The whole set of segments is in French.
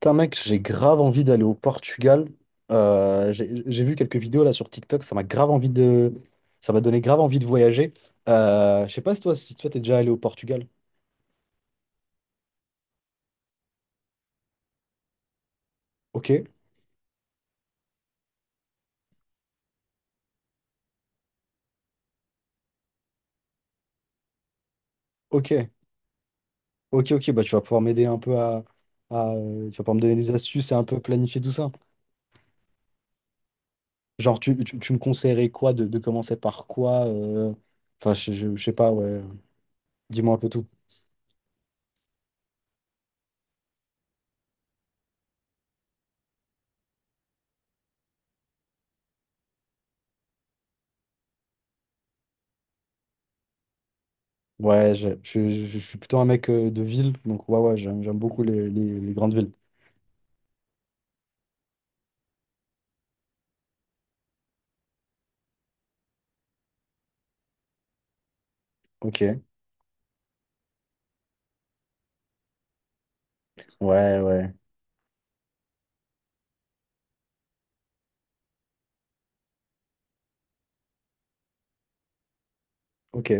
Putain, mec, j'ai grave envie d'aller au Portugal. J'ai vu quelques vidéos là sur TikTok, ça m'a grave envie de... Ça m'a donné grave envie de voyager. Je sais pas si toi, si toi t'es déjà allé au Portugal. Ok, ok, ok, ok, bah tu vas pouvoir m'aider un peu à tu vas pouvoir me donner des astuces et un peu planifier tout ça. Genre, tu me conseillerais quoi de commencer par quoi enfin, je sais pas, ouais. Dis-moi un peu tout. Ouais, je suis plutôt un mec de ville, donc ouais, ouais, j'aime beaucoup les, les grandes villes. Ok, ouais, ouais, ok,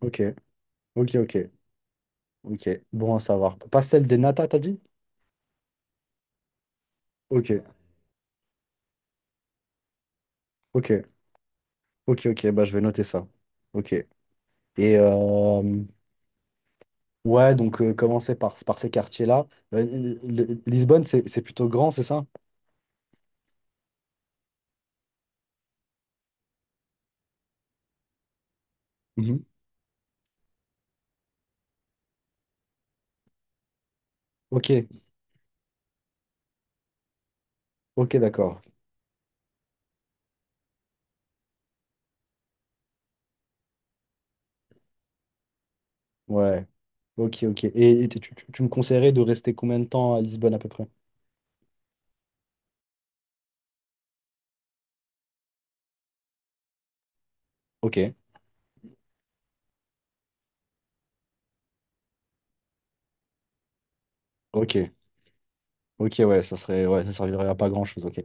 ok, ok, ok, ok. Bon à savoir. Pas celle des Nata, t'as dit? Ok, ok, ok, ok, bah je vais noter ça. Ok. Et ouais, donc commencer par, par ces quartiers-là. Euh, Lisbonne, c'est plutôt grand, c'est ça? Mhm. Ok, ok, d'accord. Ouais, ok, ok. Et tu me conseillerais de rester combien de temps à Lisbonne à peu près? Ok, ok. Ok, ouais, ça serait, ouais, ça servirait à pas grand-chose, ok.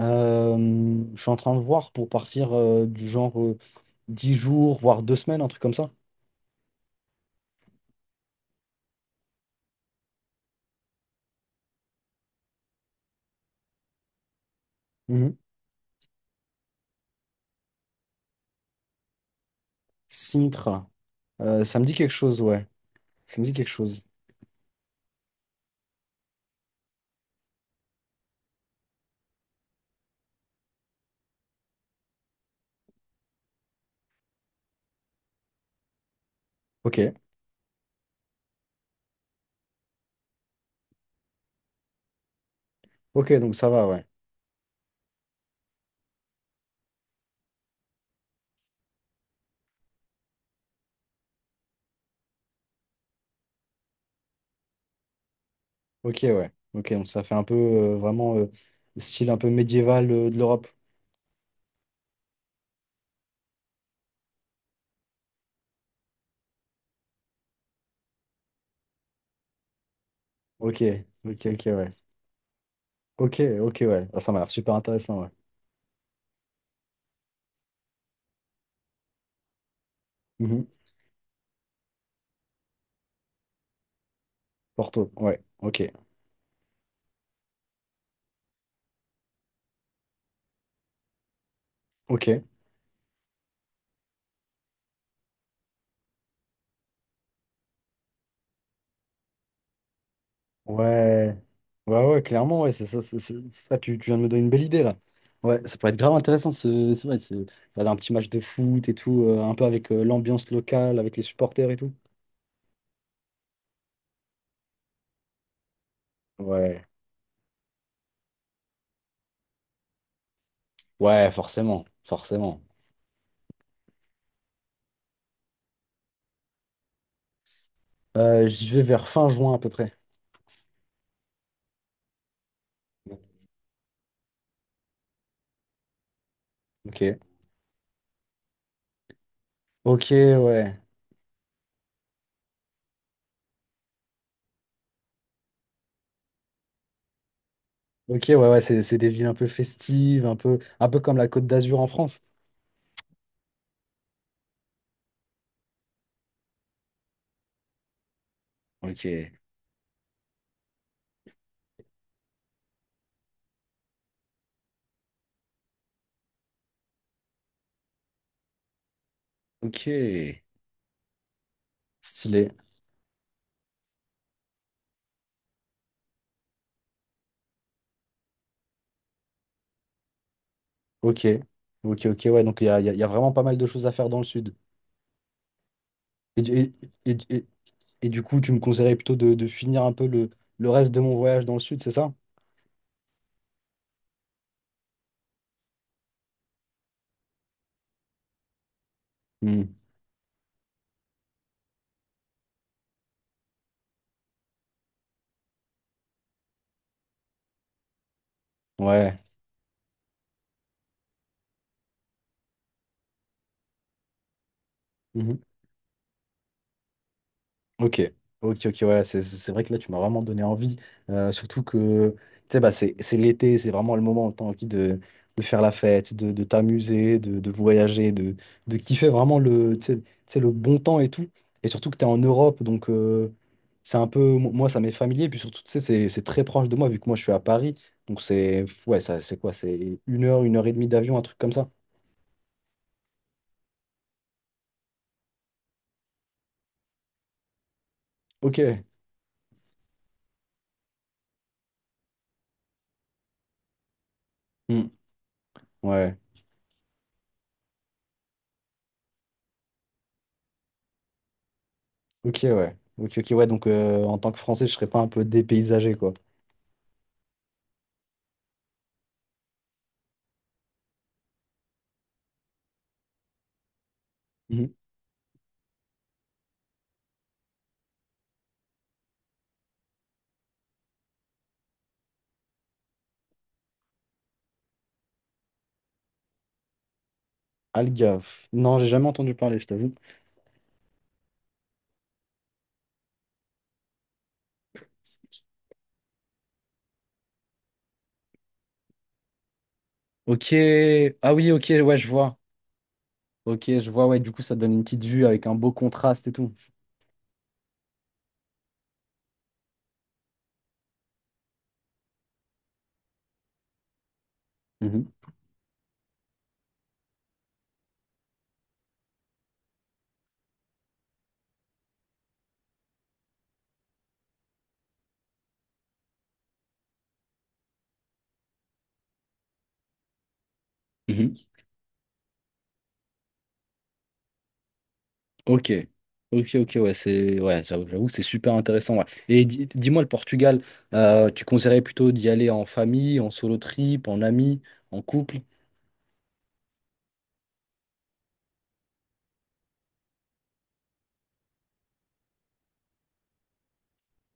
Euh, je suis en train de voir pour partir du genre 10 jours, voire 2 semaines, un truc comme ça. Mhm. Sintra. Ça me dit quelque chose, ouais. Ça me dit quelque chose. Ok. Ok, donc ça va, ouais. Ok, ouais. Ok, donc ça fait un peu vraiment style un peu médiéval de l'Europe. Ok, ok, ok, ouais. Ok, ok, ouais. Ah, ça m'a l'air super intéressant, ouais. Mhm. Porto, ouais. Ok. Ok. Ouais, ouais, ouais, clairement, ouais, c'est ça, ça, tu viens de me donner une belle idée là. Ouais, ça pourrait être grave intéressant, ce, c'est vrai, ce, regarder un petit match de foot et tout, un peu avec l'ambiance locale, avec les supporters et tout. Ouais, ouais, forcément, forcément. J'y vais vers fin juin à peu près. Ok. Ok, ouais. Ok, ouais, ouais, c'est des villes un peu festives, un peu comme la Côte d'Azur en France. Ok, ok. Stylé. Ok, ok, ok, ouais, donc il y a, il y a vraiment pas mal de choses à faire dans le sud. Et, du- et, et, et, et du coup, tu me conseillerais plutôt de finir un peu le reste de mon voyage dans le sud, c'est ça? Hmm. Ouais. Ok, ok, ok, ouais, c'est vrai que là, tu m'as vraiment donné envie. Surtout que, tu sais, bah, c'est l'été, c'est vraiment le moment où tu as envie de faire la fête, de t'amuser, de voyager, de kiffer vraiment le, tu sais, le bon temps et tout. Et surtout que tu es en Europe, donc c'est un peu, moi, ça m'est familier. Et puis surtout, tu sais, c'est très proche de moi, vu que moi, je suis à Paris. Donc c'est, ouais, ça, c'est quoi? C'est une heure et demie d'avion, un truc comme ça. Ok, hmm, ouais, ok, ouais. Ok, ok, ouais, donc en tant que Français, je serais pas un peu dépaysagé, quoi. Mhm. Algaf. Non, j'ai jamais entendu parler, je t'avoue. Ok. Ah oui, ok, ouais, je vois. Ok, je vois, ouais, du coup, ça donne une petite vue avec un beau contraste et tout. Mhm. Mhm. Ok. Ok, ok, ouais, c'est. Ouais, j'avoue que c'est super intéressant. Ouais. Et dis-moi, le Portugal, tu conseillerais plutôt d'y aller en famille, en solo trip, en ami, en couple?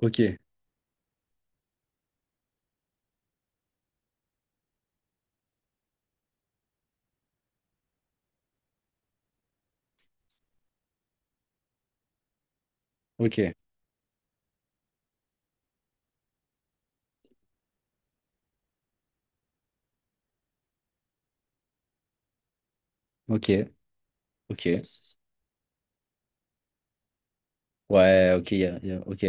Ok, ok, ok, ok. Ouais, ok, ok.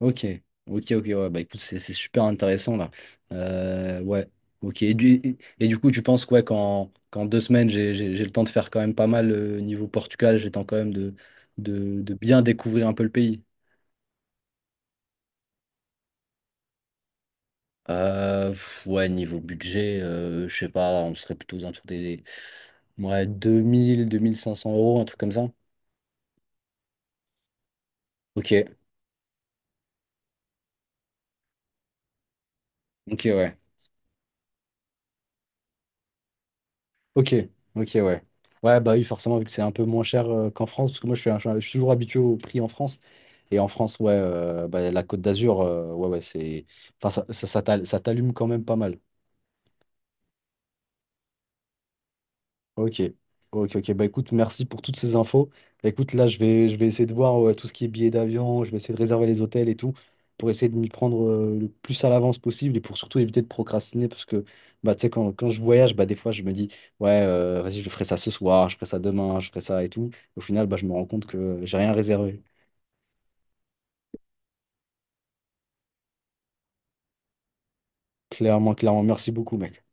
Ok, ok, ok, ouais, bah écoute, c'est super intéressant là. Ouais, ok. Et du coup, tu penses quoi qu'en deux semaines, j'ai le temps de faire quand même pas mal niveau Portugal, j'ai le temps quand même de bien découvrir un peu le pays. Pff, ouais, niveau budget, je sais pas, on serait plutôt autour des ouais, deux mille, deux mille cinq cents euros, un truc comme ça. Ok, ok, ouais. Ok, ok, ouais. Ouais, bah oui, forcément, vu que c'est un peu moins cher qu'en France, parce que moi, je suis, je suis toujours habitué au prix en France. Et en France, ouais, bah, la Côte d'Azur, ouais, ouais, c'est. Enfin, ça, ça t'allume quand même pas mal. Ok, ok, ok. Bah écoute, merci pour toutes ces infos. Bah, écoute, là, je vais essayer de voir tout ce qui est billets d'avion, je vais essayer de réserver les hôtels et tout, pour essayer de m'y prendre le plus à l'avance possible et pour surtout éviter de procrastiner, parce que bah, tu sais, quand je voyage, bah, des fois, je me dis, ouais, vas-y, je ferai ça ce soir, je ferai ça demain, je ferai ça et tout. Au final, bah, je me rends compte que j'ai rien réservé. Clairement, clairement, merci beaucoup, mec.